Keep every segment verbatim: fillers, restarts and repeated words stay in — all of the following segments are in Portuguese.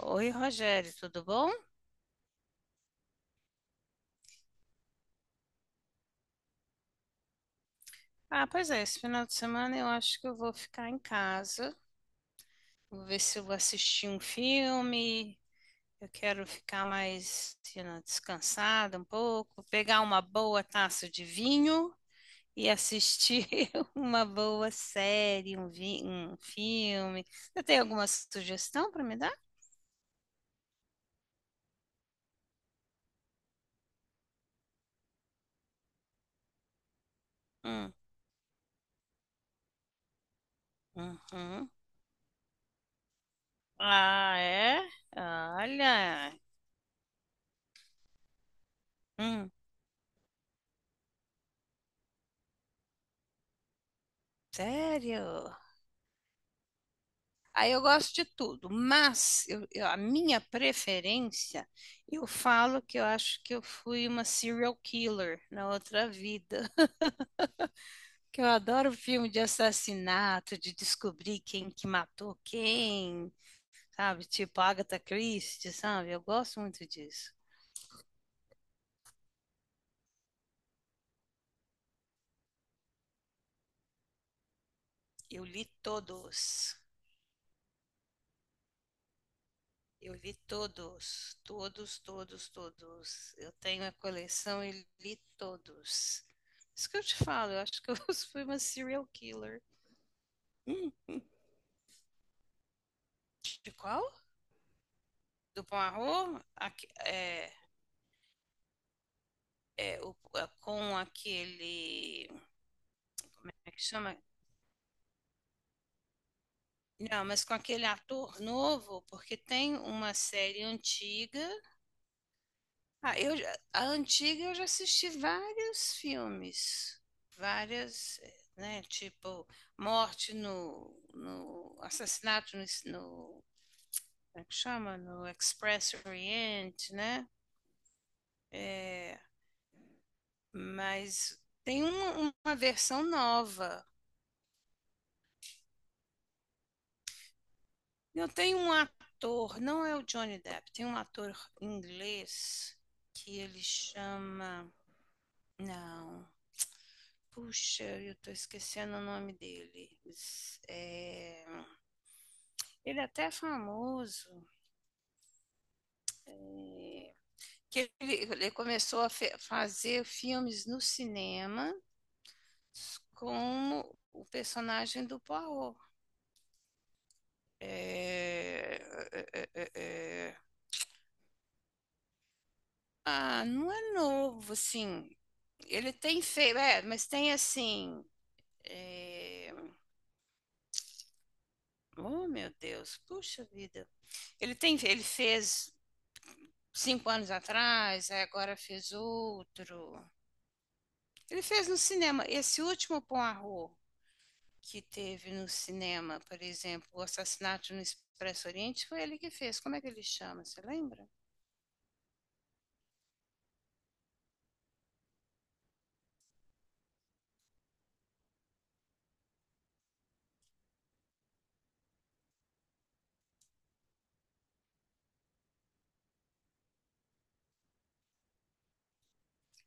Oi, Rogério, tudo bom? Ah, pois é, esse final de semana eu acho que eu vou ficar em casa. Vou ver se eu vou assistir um filme. Eu quero ficar mais, you know, descansada um pouco, pegar uma boa taça de vinho e assistir uma boa série, um, vi- um filme. Você tem alguma sugestão para me dar? Hum, uhum. Ah, é? Olha. Hum, sério? Aí eu gosto de tudo, mas eu- eu- a minha preferência, eu falo que eu acho que eu fui uma serial killer na outra vida. Que eu adoro filme de assassinato, de descobrir quem que matou quem, sabe? Tipo Agatha Christie, sabe? Eu gosto muito disso. Eu li todos. Eu li todos, todos, todos, todos. Eu tenho a coleção e li todos. Isso que eu te falo, eu acho que eu fui uma serial killer. De qual? Do Poirot? Aque- é, é, o- é, com aquele. Como é que chama? Não, mas com aquele ator novo, porque tem uma série antiga. Ah, eu, já- a antiga eu já assisti vários filmes, várias, né? Tipo, Morte no, no Assassinato no, no- como é que chama? No Express Orient, né? É, mas tem uma, uma versão nova. Eu tenho um ator, não é o Johnny Depp, tem um ator inglês que ele chama. Não. Puxa, eu tô esquecendo o nome dele. Es- É, Ele é até famoso. é, que ele, ele começou a fe- fazer filmes no cinema com o personagem do Poirot. É, é, é, é, é. Ah, não é novo, assim. Ele tem feio, é, mas tem assim. é, Oh, meu Deus, puxa vida. Ele tem, ele fez cinco anos atrás, aí agora fez outro. Ele fez no cinema. Esse último Poirot que teve no cinema, por exemplo, o assassinato no Expresso Oriente, foi ele que fez. Como é que ele chama? Você lembra?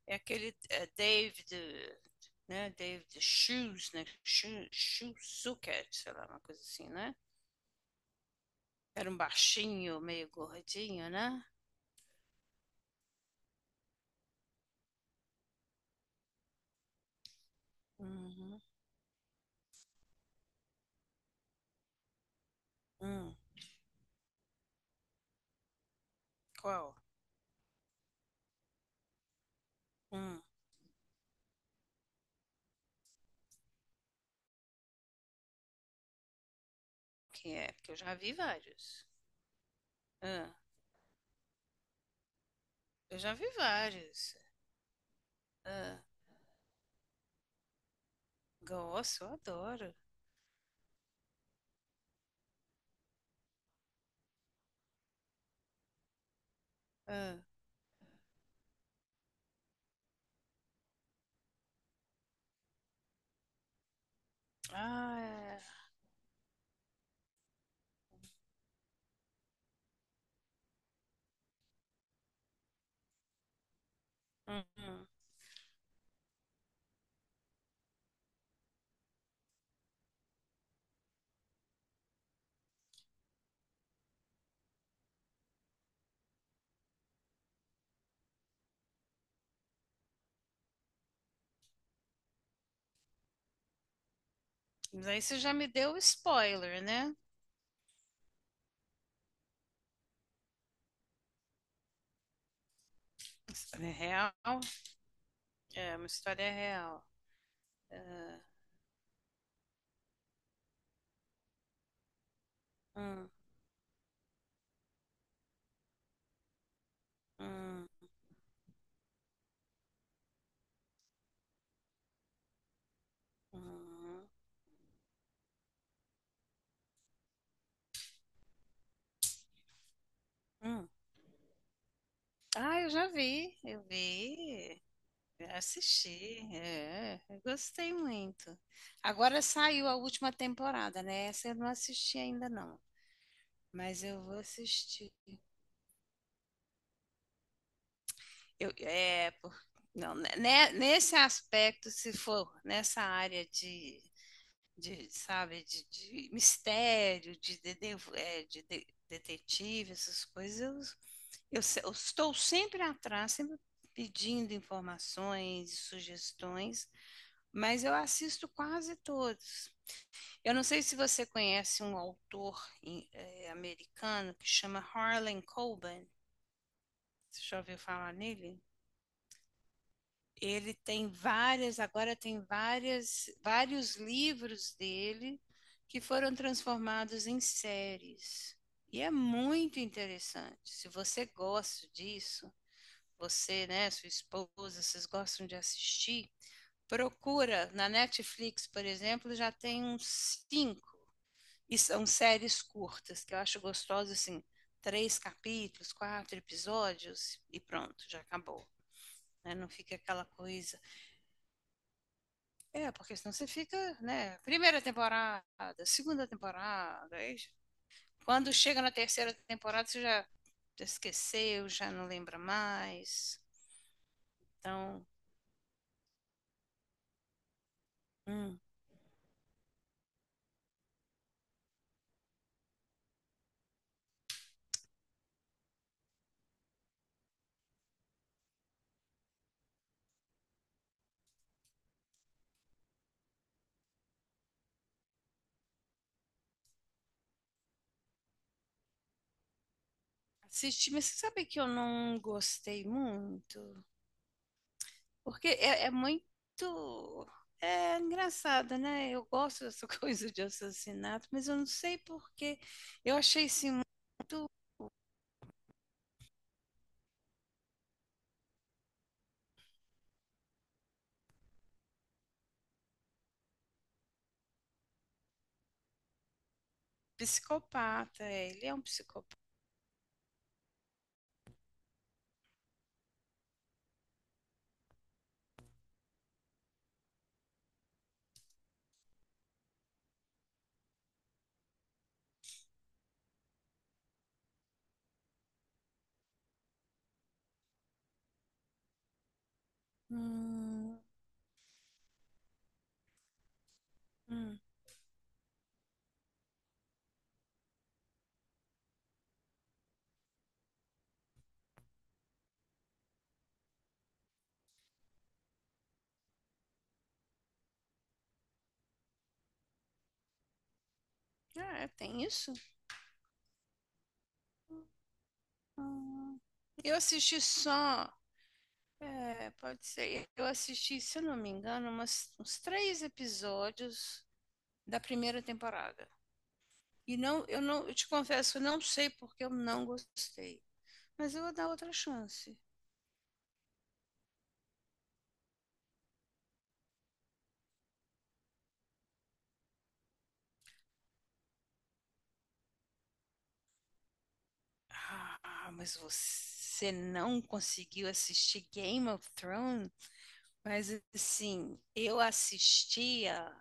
É aquele é, David, né? David Shoes, né? Shoe, Shoe Zucker, sei lá, uma coisa assim, né? Era um baixinho, meio gordinho, né? Uhum. Hum, qual? Hum, quem é? Porque eu já vi vários. Ah, eu já vi vários. Ah, gosto, eu adoro. Ah, ah, é. Hum, hum. Mas aí você já me deu o spoiler, né? História real? É, uma história real. Ah, hum, hum, hum, hum. Hum. Ah, eu já vi, eu vi. Assisti, é, eu gostei muito. Agora saiu a última temporada, né? Essa eu não assisti ainda não, mas eu vou assistir. Eu, é, por, não, né, né, nesse aspecto, se for nessa área de, de sabe, de, de mistério, de, dede- é, de de- detetive, essas coisas, eu, eu se- eu estou sempre atrás, sempre pedindo informações, sugestões, mas eu assisto quase todos. Eu não sei se você conhece um autor em- eh, americano que chama Harlan Coben. Você já ouviu falar nele? Ele tem várias, agora tem várias, vários livros dele que foram transformados em séries. E é muito interessante. Se você gosta disso, você, né, sua esposa, vocês gostam de assistir, procura na Netflix, por exemplo, já tem uns cinco. E são séries curtas, que eu acho gostoso, assim, três capítulos, quatro episódios e pronto, já acabou. Né? Não fica aquela coisa. É, porque senão você fica, né? Primeira temporada, segunda temporada. Aí quando chega na terceira temporada, você já esqueceu, já não lembra mais. Então, hum, assisti, mas você sabe que eu não gostei muito? Porque é, é muito. É engraçado, né? Eu gosto dessa coisa de assassinato, mas eu não sei porquê. Eu achei esse muito psicopata. é, Ele é um psicopata. Hum, hum. Ah, tem isso? Hum. Eu assisti só. É, pode ser. Eu assisti, se eu não me engano, umas- uns três episódios da primeira temporada. E não, eu não, eu te confesso, eu não sei porque eu não gostei. Mas eu vou dar outra chance. Ah, mas você não conseguiu assistir Game of Thrones? Mas assim, eu assistia.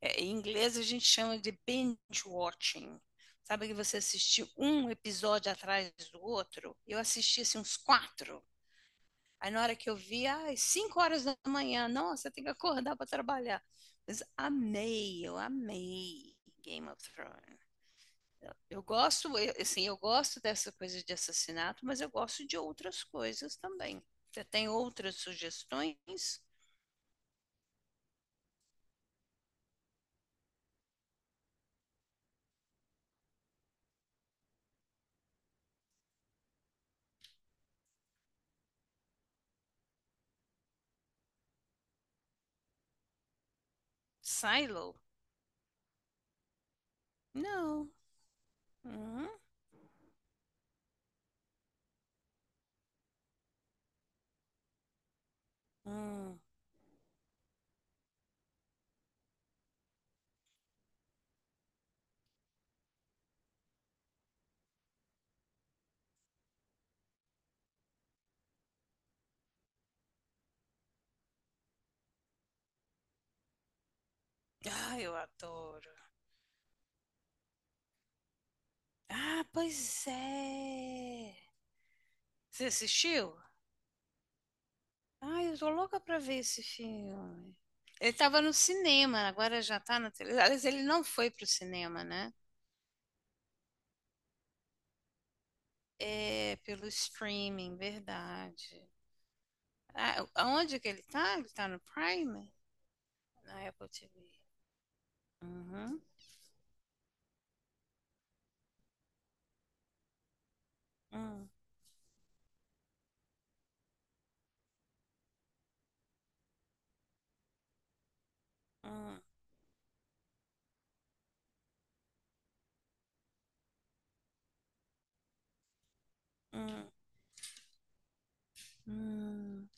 é, Em inglês a gente chama de binge watching. Sabe que você assistiu um episódio atrás do outro? Eu assisti assim, uns quatro. Aí na hora que eu vi, às cinco horas da manhã, nossa, tem que acordar para trabalhar. Mas amei, eu amei Game of Thrones. Eu gosto, eu- assim, eu gosto dessa coisa de assassinato, mas eu gosto de outras coisas também. Você tem outras sugestões? Silo? Não. Hum? Hum. Ah, eu adoro. Ah, pois é. Você assistiu? Ai, eu tô louca pra ver esse filme. Ele tava no cinema, agora já tá na televisão. Aliás, ele não foi pro cinema, né? É, pelo streaming, verdade. Ah, aonde que ele tá? Ele tá no Prime? na Apple T V. Uhum. Hum, hum, hum, hum.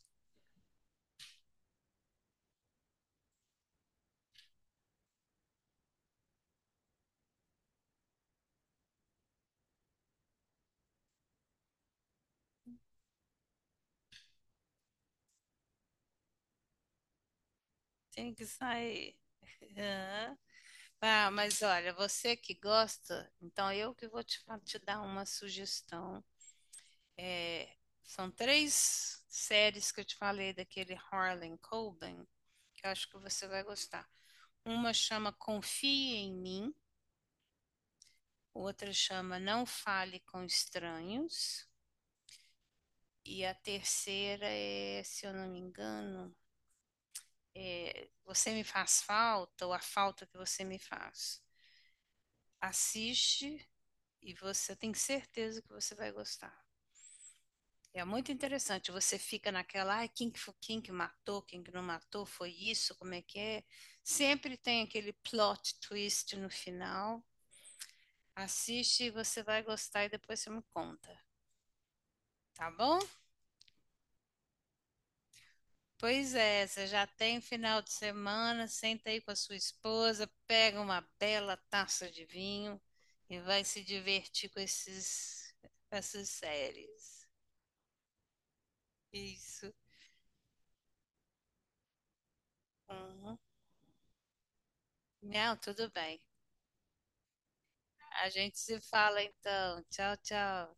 Tem que sair. Aham. Ah, mas olha, você que gosta, então eu que vou te, fa- te dar uma sugestão. É, são três séries que eu te falei daquele Harlan Coben, que eu acho que você vai gostar. Uma chama Confie em Mim, outra chama Não Fale com Estranhos, e a terceira é, se eu não me engano, é, Você Me Faz Falta ou A Falta que Você Me Faz. Assiste e você tem certeza que você vai gostar. É muito interessante, você fica naquela, ai, quem que, fo- quem que matou, quem que não matou, foi isso, como é que é? Sempre tem aquele plot twist no final. Assiste e você vai gostar e depois você me conta, tá bom? Pois é, você já tem final de semana, senta aí com a sua esposa, pega uma bela taça de vinho e vai se divertir com esses, com essas séries. Isso. Uhum. Não, tudo bem. A gente se fala então. Tchau, tchau.